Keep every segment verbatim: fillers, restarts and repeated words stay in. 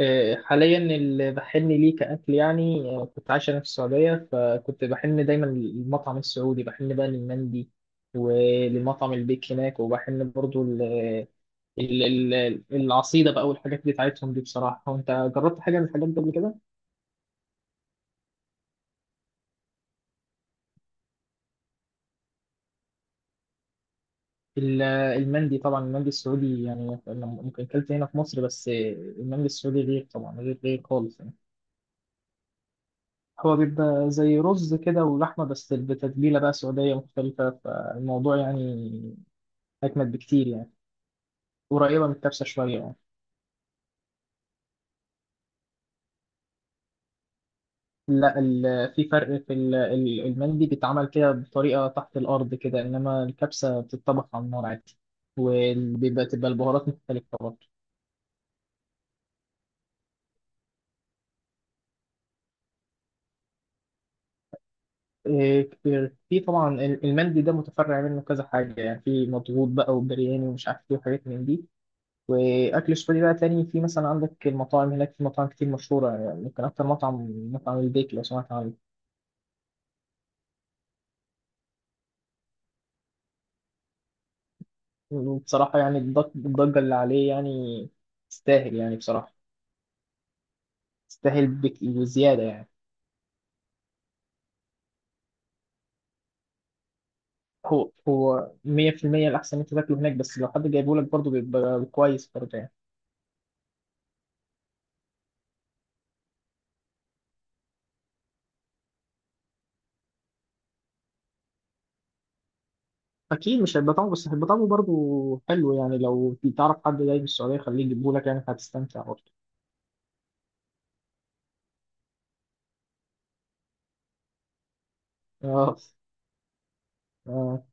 آه، حاليا اللي بحن ليه كأكل يعني آه، كنت عايش أنا في السعودية فكنت بحن دايما للمطعم السعودي، بحن بقى للمندي ولمطعم البيك هناك، وبحن برضو ال- ال- ال- العصيدة بقى والحاجات بتاعتهم دي بصراحة. وأنت جربت حاجة من الحاجات دي قبل كده؟ ال- المندي طبعا، المندي السعودي يعني أنا ممكن أكلت هنا في مصر بس، آه، المندي السعودي غير طبعا، غير غير خالص يعني. هو بيبقى زي رز كده ولحمة بس بتتبيلة بقى سعودية مختلفة فالموضوع يعني أجمد بكتير يعني، قريبة من الكبسة شوية يعني. لا ال... في فرق في ال... ال- المندي بيتعمل كده بطريقة تحت الأرض كده، إنما الكبسة بتتطبخ على النار عادي. وبيبقى تبقى البهارات مختلفة برضه. إيه، في طبعا ال- المندي ده متفرع منه كذا حاجة يعني، في مضغوط بقى وبرياني ومش عارف إيه وحاجات من دي. وأكل سوري بقى تاني، في مثلا عندك المطاعم هناك، في مطاعم كتير مشهورة يعني، ممكن أكتر مطعم مطعم البيك لو سمعت عنه. وبصراحة يعني الضج- الضجة اللي عليه يعني تستاهل يعني بصراحة، يستاهل بك وزيادة يعني. هو هو مئة في المئة الأحسن إن أنت تاكله هناك، بس لو حد جايبه لك برضه بيبقى كويس برضه يعني. أكيد مش هيبقى طعمه، بس هيبقى طعمه برضه حلو يعني، لو تعرف حد جاي من السعودية خليه يجيبه لك يعني هتستمتع برضه. آه. آه.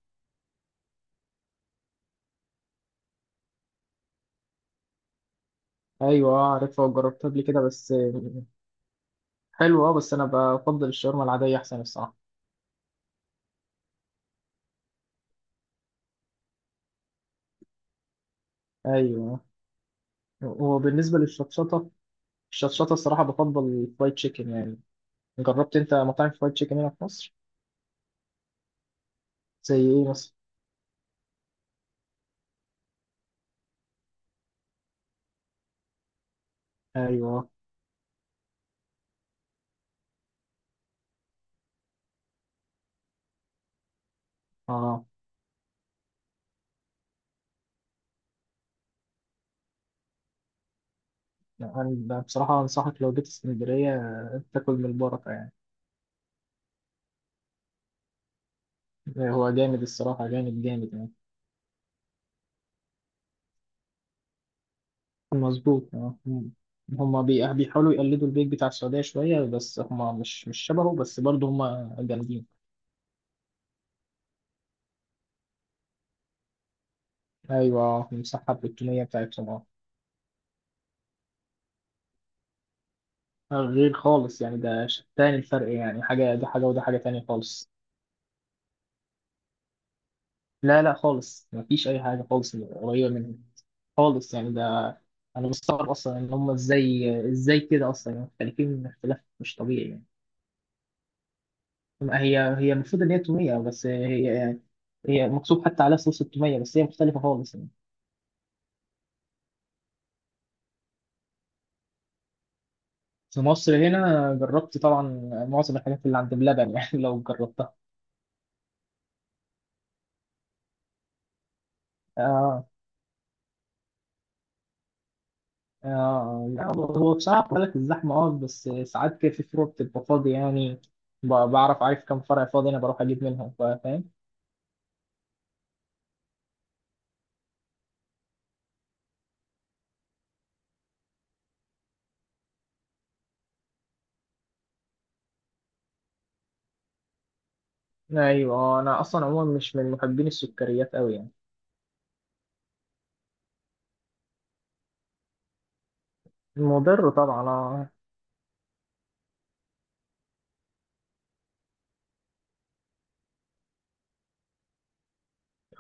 أيوه، آه، عارفها وجربتها قبل كده بس، آه، حلو، أه، بس أنا بفضل الشاورما العادية أحسن الصراحة. أيوه. وبالنسبة للشطشطة الشطشطة الصراحة بفضل الفرايد تشيكن يعني. جربت أنت مطاعم فرايد تشيكن هنا في مصر؟ زي إيه مثلا؟ أيوه. آه. أنا بصراحة أنصحك لو جيت اسكندرية آه، تاكل من البركة يعني. هو جامد الصراحة، جامد جامد يعني. مظبوط، آه. هما بي- بيحاولوا يقلدوا البيك بتاع السعودية شوية، بس هما مش مش شبهه، بس برضه هما جامدين. أيوة، المساحة التونية بتاعتهم، اه. غير خالص يعني، ده ش- تاني الفرق يعني، حاجة ده حاجة وده حاجة تانية خالص. لا لا، خالص مفيش أي حاجة خالص قريبة منهم، خالص يعني ده. أنا مستغرب أصلا إن هما إزاي إزاي كده أصلا، يعني مختلفين اختلاف مش طبيعي يعني. ما هي هي المفروض ان هي توميه، بس هي هي مكتوب حتى عليها صوص التوميه، بس هي مختلفه خالص يعني. في مصر هنا جربت طبعا معظم الحاجات اللي عند بلبن يعني لو جربتها. اه. اه، لا هو بصراحه بقول لك الزحمه، اه، بس ساعات كده في فروع بتبقى فاضيه يعني. ب- بعرف عارف كم فرع فاضي انا بروح اجيب منهم، فا- فاهم. ايوه. آه، انا اصلا عموما مش من محبين السكريات قوي يعني. مضر طبعا، اه.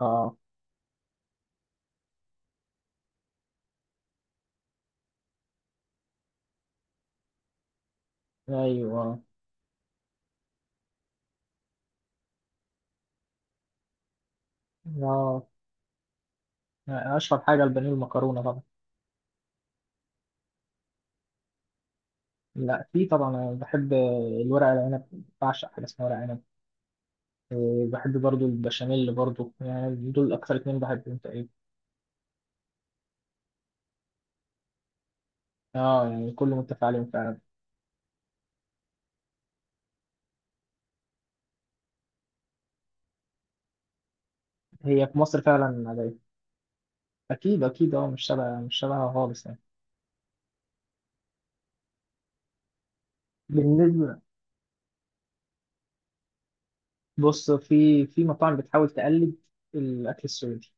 اه. ايوه. اه. آه، اشهر حاجه البانيه المكرونه طبعا. لا، في طبعا انا بحب الورق العنب، بعشق حاجه اسمها ورق عنب. إيه، بحب برضو البشاميل برضو، يعني دول اكتر اتنين بحبهم تقريبا. اه، يعني كله متفق عليهم فعلا. هي في مصر فعلا عليا، اكيد اكيد، اه. مش شبه مش شبهها خالص يعني. بالنسبه بص، في في مطاعم بتحاول تقلد الاكل السعودي،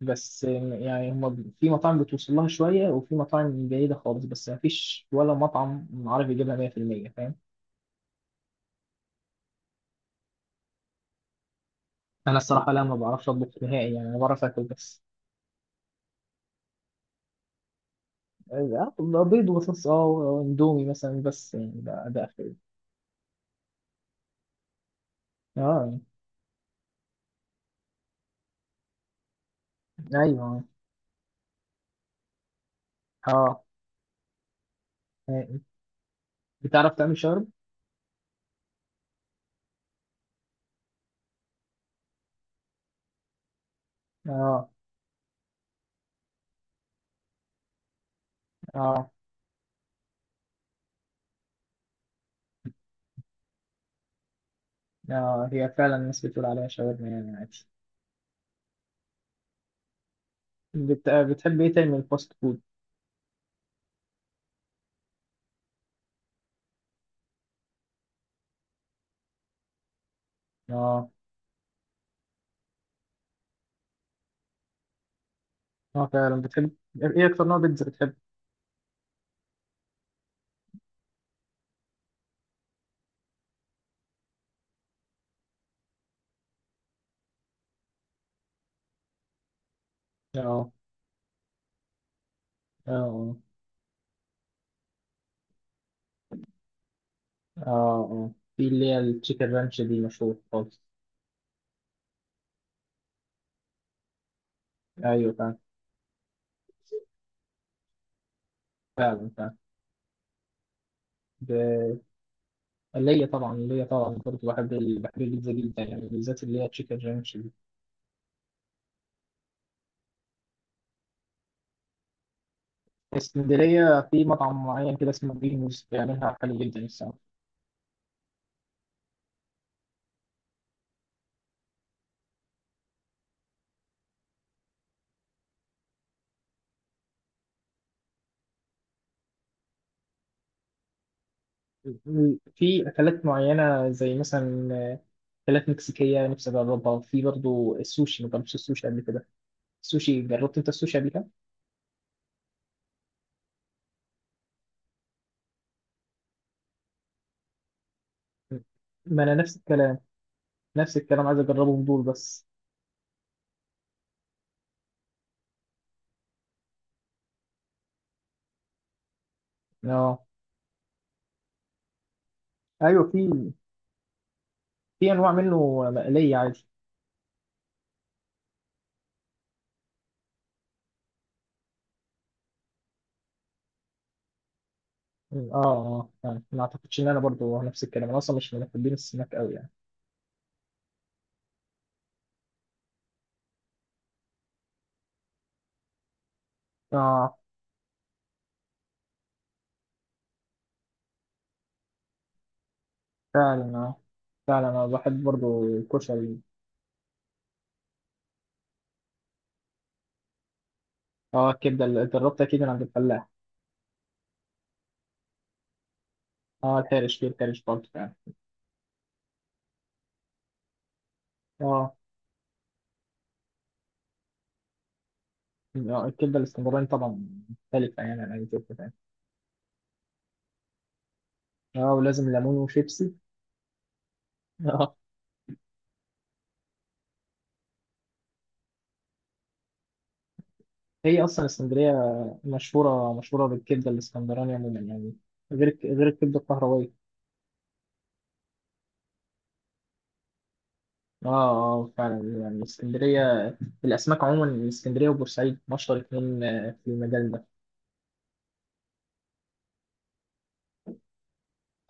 بس يعني هم في مطاعم بتوصل لها شويه وفي مطاعم بعيده خالص، بس ما فيش ولا مطعم عارف يجيبها مية في المية فاهم. انا الصراحه لا، ما بعرفش اطبخ نهائي يعني، انا بعرف اكل بس. آه، بيض وصوص، اه، واندومي مثلا، بس يعني ده ده اخري. اه، ايوه. اه. آه. بتعرف تعمل شاورما؟ اه. اه. اه، هي فعلا الناس بتقول عليها شاورما يعني عادي. بت... بتحب ايه تاني من الفاست فود؟ اه. اه، فعلا. بتحب ايه اكتر نوع بيتزا بتحب؟ اه. اه. اه. اه. آه. في اللي هي التشيكن رانش دي مشهور خالص. ايوه، فعلا فعلا فعلا. ب- ليا طبعا ليا طبعا، برضه بحب ال- بحب البيتزا جدا يعني، بالذات اللي هي تشيكن رانش. اسكندرية في مطعم معين كده اسمه جرينوس بيعملها حلو جدا الصراحة. في أكلات معينة زي مثلا آه، أكلات مكسيكية نفسي أجربها، وفي برضو السوشي، ما جربتش السوشي قبل كده. السوشي، جربت أنت السوشي قبل كده؟ ما أنا نفس الكلام. نفس الكلام، عايز أجربهم دول بس. أه. أيوه، في في أنواع منه مقلية عادي. أه. أه. آه. ما أعتقدش إن أنا برضو نفس الكلام، أنا أصلا مش من محبين السمك أوي يعني. أه، فعلا. أه، فعلا أنا بحب برضو الكشري. اه، الكبده اللي جربتها اكيد من عند الفلاح. اه، الحرش، في الحرش برضه فعلا. اه، آه، الكبده الاسكندراني طبعا مختلفه يعني عن اي كبده تاني. اه، ولازم ليمون وشيبسي اه. هي اصلا اسكندريه مشهوره مشهوره بالكبده الاسكندراني عموما يعني، غير الك- غير الكبده القهرويه. اه. اه، فعلا يعني اسكندريه الاسماك عموما، اسكندريه وبورسعيد مشهور اتنين، آه، في المجال ده.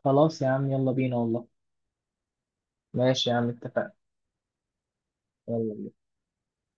خلاص يا عم، يلا بينا والله. ماشي يا عم، اتفقنا. يلا.